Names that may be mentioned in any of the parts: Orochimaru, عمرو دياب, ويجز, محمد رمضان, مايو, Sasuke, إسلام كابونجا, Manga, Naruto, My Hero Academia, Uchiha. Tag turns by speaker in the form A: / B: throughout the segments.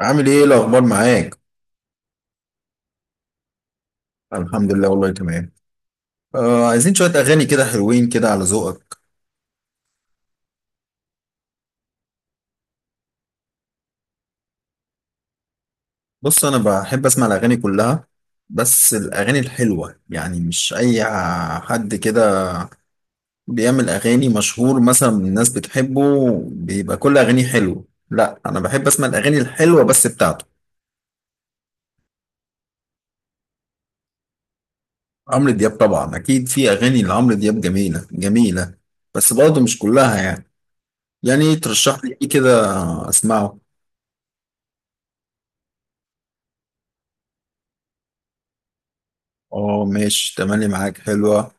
A: عامل ايه الاخبار معاك؟ الحمد لله، والله تمام. آه، عايزين شويه اغاني كده، حلوين كده على ذوقك. بص، انا بحب اسمع الاغاني كلها، بس الاغاني الحلوه، يعني مش اي حد كده بيعمل اغاني مشهور مثلا الناس بتحبه بيبقى كل اغانيه حلوه. لا، انا بحب اسمع الاغاني الحلوه بس بتاعته. عمرو دياب طبعا اكيد في اغاني لعمرو دياب جميله جميله، بس برضه مش كلها يعني ترشح لي ايه كده اسمعه. اه، ماشي، تملي معاك حلوه،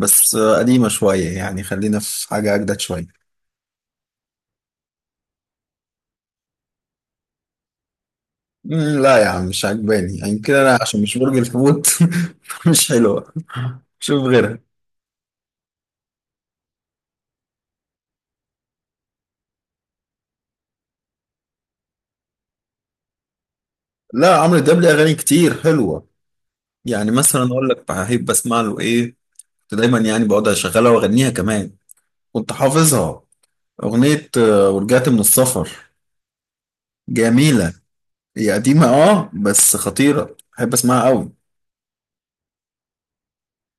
A: بس قديمة شوية، يعني خلينا في حاجة أجدد شوية. لا يا عم، مش عجباني يعني كده أنا، عشان مش برج الحوت. مش حلوة، شوف غيرها. لا، عمرو دياب ليه أغاني كتير حلوة. يعني مثلا أقول لك بحب أسمع له إيه. كنت دايما يعني بقعد أشغلها وأغنيها كمان، كنت حافظها. أغنية ورجعت من السفر، جميلة. هي قديمة أه، بس خطيرة، بحب أسمعها أوي.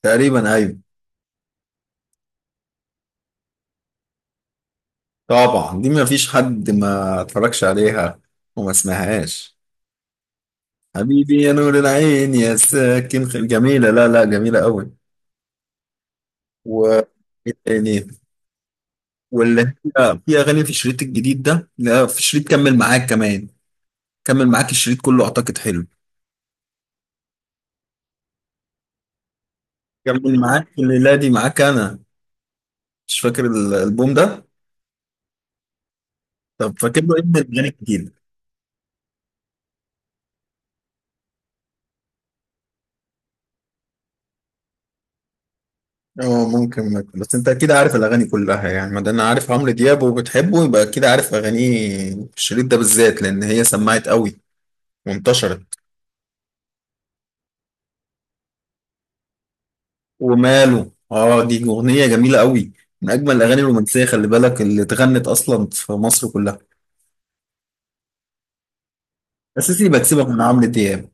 A: تقريبا أيوة. طبعا دي ما فيش حد ما اتفرجش عليها وما سمعهاش. حبيبي يا نور العين، يا ساكن جميلة، لا لا جميلة قوي. و إيه تاني؟ واللي هي في أغاني في الشريط الجديد ده، لا في شريط كمل معاك كمان. كمل معاك، الشريط كله أعتقد حلو. كمل معاك، الليلة دي معاك أنا. مش فاكر الألبوم ده. طب فاكر له إيه من الأغاني كتير؟ اه، ممكن. بس انت اكيد عارف الاغاني كلها يعني، ما دام عارف عمرو دياب وبتحبه يبقى اكيد عارف اغانيه. في الشريط ده بالذات، لان هي سمعت قوي وانتشرت. وماله، اه دي اغنيه جميله قوي، من اجمل الاغاني الرومانسيه، خلي بالك، اللي اتغنت اصلا في مصر كلها. اساسي بكسبك من عمرو دياب.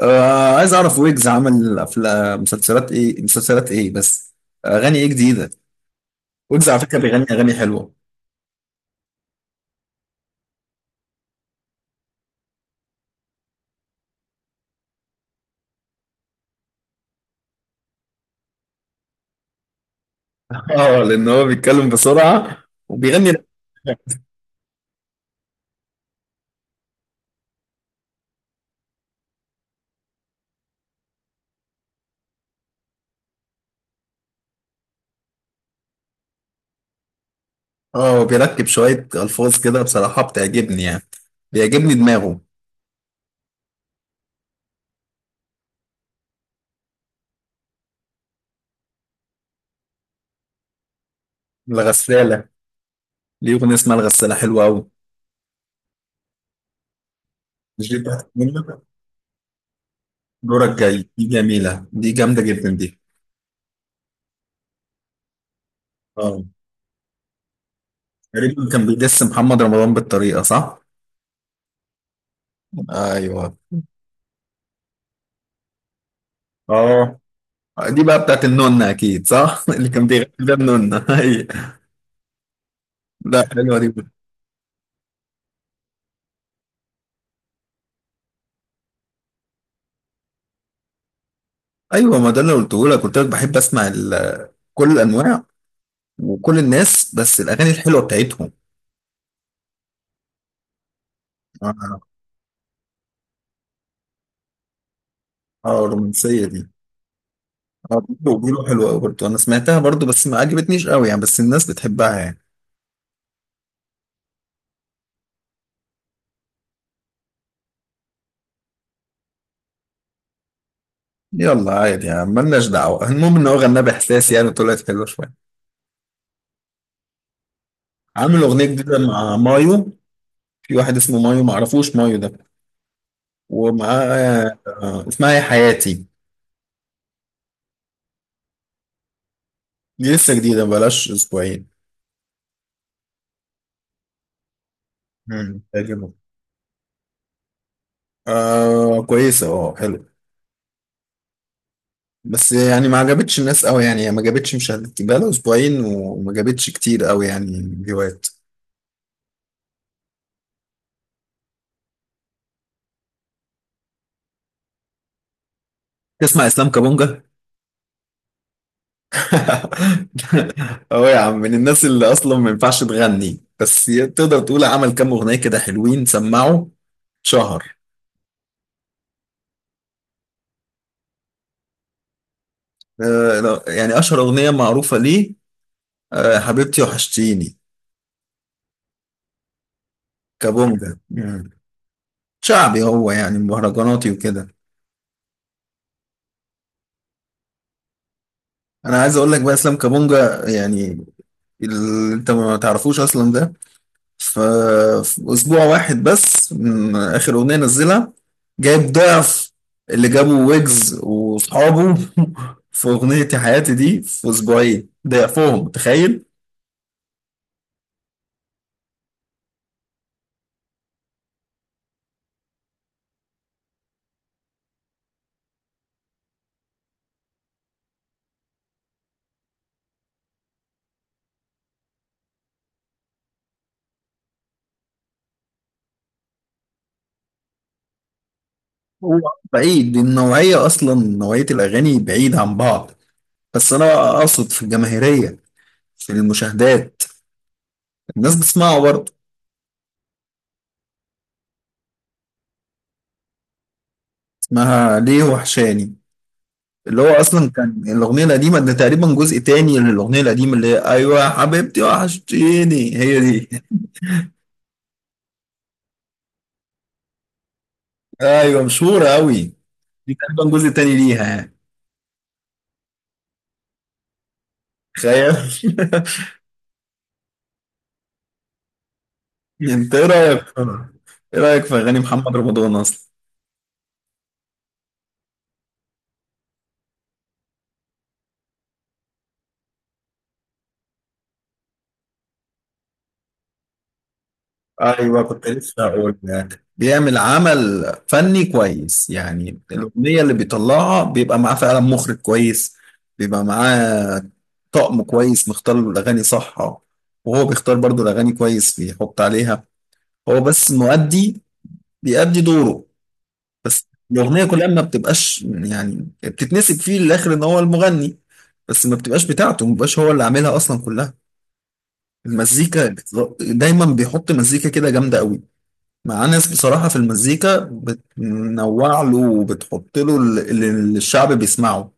A: آه، عايز اعرف ويجز عمل افلام، مسلسلات ايه؟ بس اغاني ايه جديده؟ ويجز على فكره بيغني اغاني حلوه. اه، لان هو بيتكلم بسرعه وبيغني. اه، وبيركب شويه الفاظ كده بصراحه بتعجبني يعني، بيعجبني دماغه. الغساله، ليه اغنيه اسمها الغساله حلوه قوي. مش دي بتاعت منة؟ دورك جاي دي جميلة، دي جامدة جدا دي. اه، تقريبا كان بيدس محمد رمضان بالطريقة، صح؟ ايوه. اه، دي بقى بتاعت النونة، اكيد صح؟ اللي كان بيغني ده النونة. أيوة. لا حلوة دي. ايوه، ما ده اللي قلته لك، قلت لك بحب اسمع كل الانواع وكل الناس، بس الاغاني الحلوة بتاعتهم. اه، الرومانسية دي. اه، بيقولوا حلوة قوي برضه، انا سمعتها برضه بس ما عجبتنيش قوي يعني، بس الناس بتحبها يعني. يلا عادي يعني، ملناش دعوة، المهم ان هو غناه باحساس، يعني طلعت حلوة شوية. عامل اغنيه جديده مع مايو. في واحد اسمه مايو، معرفوش مايو ده. ومعاه اسمها يا حياتي. دي لسه جديده، بلاش اسبوعين. تعجبك. آه كويسه، اه حلو، بس يعني ما عجبتش الناس قوي يعني، هي ما جابتش مشاهدات، بقى لها اسبوعين وما جابتش كتير قوي يعني فيوهات. تسمع اسلام كابونجا؟ اه يا عم، من الناس اللي اصلا ما ينفعش تغني. بس تقدر تقول عمل كام اغنيه كده حلوين، سمعوا شهر. لا، يعني أشهر أغنية معروفة ليه، حبيبتي وحشتيني. كابونجا. مم. شعبي هو يعني، مهرجاناتي وكده. أنا عايز أقول لك بقى إسلام كابونجا، يعني اللي أنت ما تعرفوش أصلا ده، ف- في أسبوع واحد بس من آخر أغنية نزلها جايب ضعف اللي جابه ويجز وأصحابه في أغنية يا حياتي دي في أسبوعين، ضعفهم، تخيل. هو بعيد النوعية أصلا، نوعية الأغاني بعيد عن بعض، بس انا بقى اقصد في الجماهيريه، في المشاهدات، الناس بتسمعه برضه. اسمها ليه وحشاني، اللي هو اصلا كان الاغنيه القديمه ده تقريبا جزء تاني للاغنيه القديمه، اللي هي ايوه يا حبيبتي وحشتيني، هي دي. ايوه، مشهوره قوي، دي تقريبا جزء تاني ليها يعني، تخيل. انت ايه رايك؟ ايه رايك في اغاني محمد رمضان اصلا؟ ايوه، كنت لسه اقول لك بيعمل عمل فني كويس، يعني الاغنيه اللي بيطلعها بيبقى معاه فعلا مخرج كويس، بيبقى معاه طقم كويس مختار له الاغاني، صح؟ وهو بيختار برضو الاغاني كويس بيحط عليها، هو بس مؤدي، بيأدي دوره. بس الاغنيه كلها ما بتبقاش يعني بتتنسب فيه للاخر ان هو المغني، بس ما بتبقاش بتاعته، ما بيبقاش هو اللي عاملها اصلا كلها، المزيكا. دايما بيحط مزيكا كده جامده قوي، مع ناس بصراحة في المزيكا بتنوع له وبتحط له اللي الشعب بيسمعه.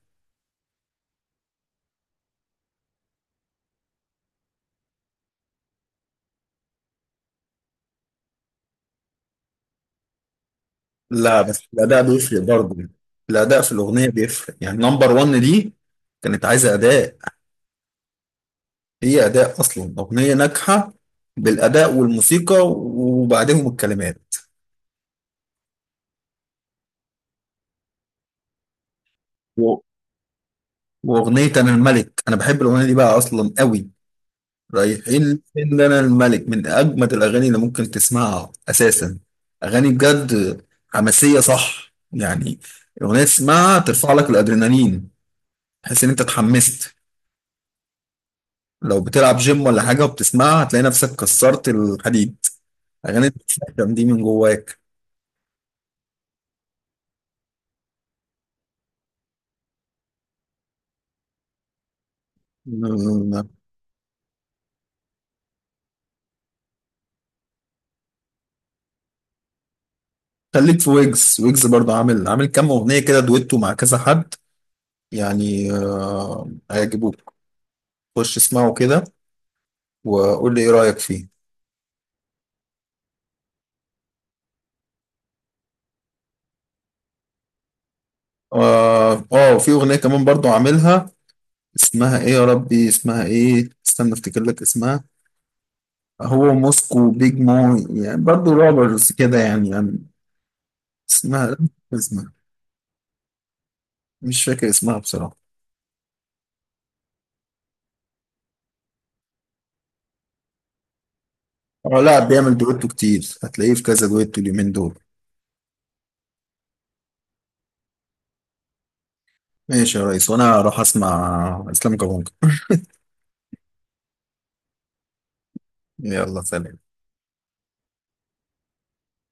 A: لا بس الأداء بيفرق برضه، الأداء في الأغنية بيفرق، يعني نمبر ون دي كانت عايزة أداء، هي أداء أصلا. أغنية ناجحة بالأداء والموسيقى وبعدهم الكلمات. و- وأغنية أنا الملك، أنا بحب الأغنية دي بقى أصلا قوي. رايحين فين؟ ده انا الملك من اجمد الاغاني اللي ممكن تسمعها اساسا، اغاني بجد حماسيه، صح يعني، اغنيه تسمعها ترفع لك الادرينالين، تحس ان انت اتحمست، لو بتلعب جيم ولا حاجه وبتسمعها هتلاقي نفسك كسرت الحديد، اغاني بتتكلم دي من جواك. أمم، خليك في ويجز، ويجز برضه عامل كام اغنيه كده دويتو مع كذا حد، يعني هيعجبوك. خش اسمعه كده وقول لي ايه رايك فيه. اه، في اغنيه كمان برضو عاملها، اسمها ايه يا ربي؟ اسمها ايه؟ استنى افتكر لك اسمها. هو موسكو بيج مو يعني، برضو روبرز كده، يعني اسمها، اسمها، مش فاكر اسمها بصراحه. اه لا، بيعمل دويتو كتير، هتلاقيه في كذا دويتو اليومين دول. ماشي يا ريس، وانا هروح اسمع اسلام كابونجا. يلا سلام.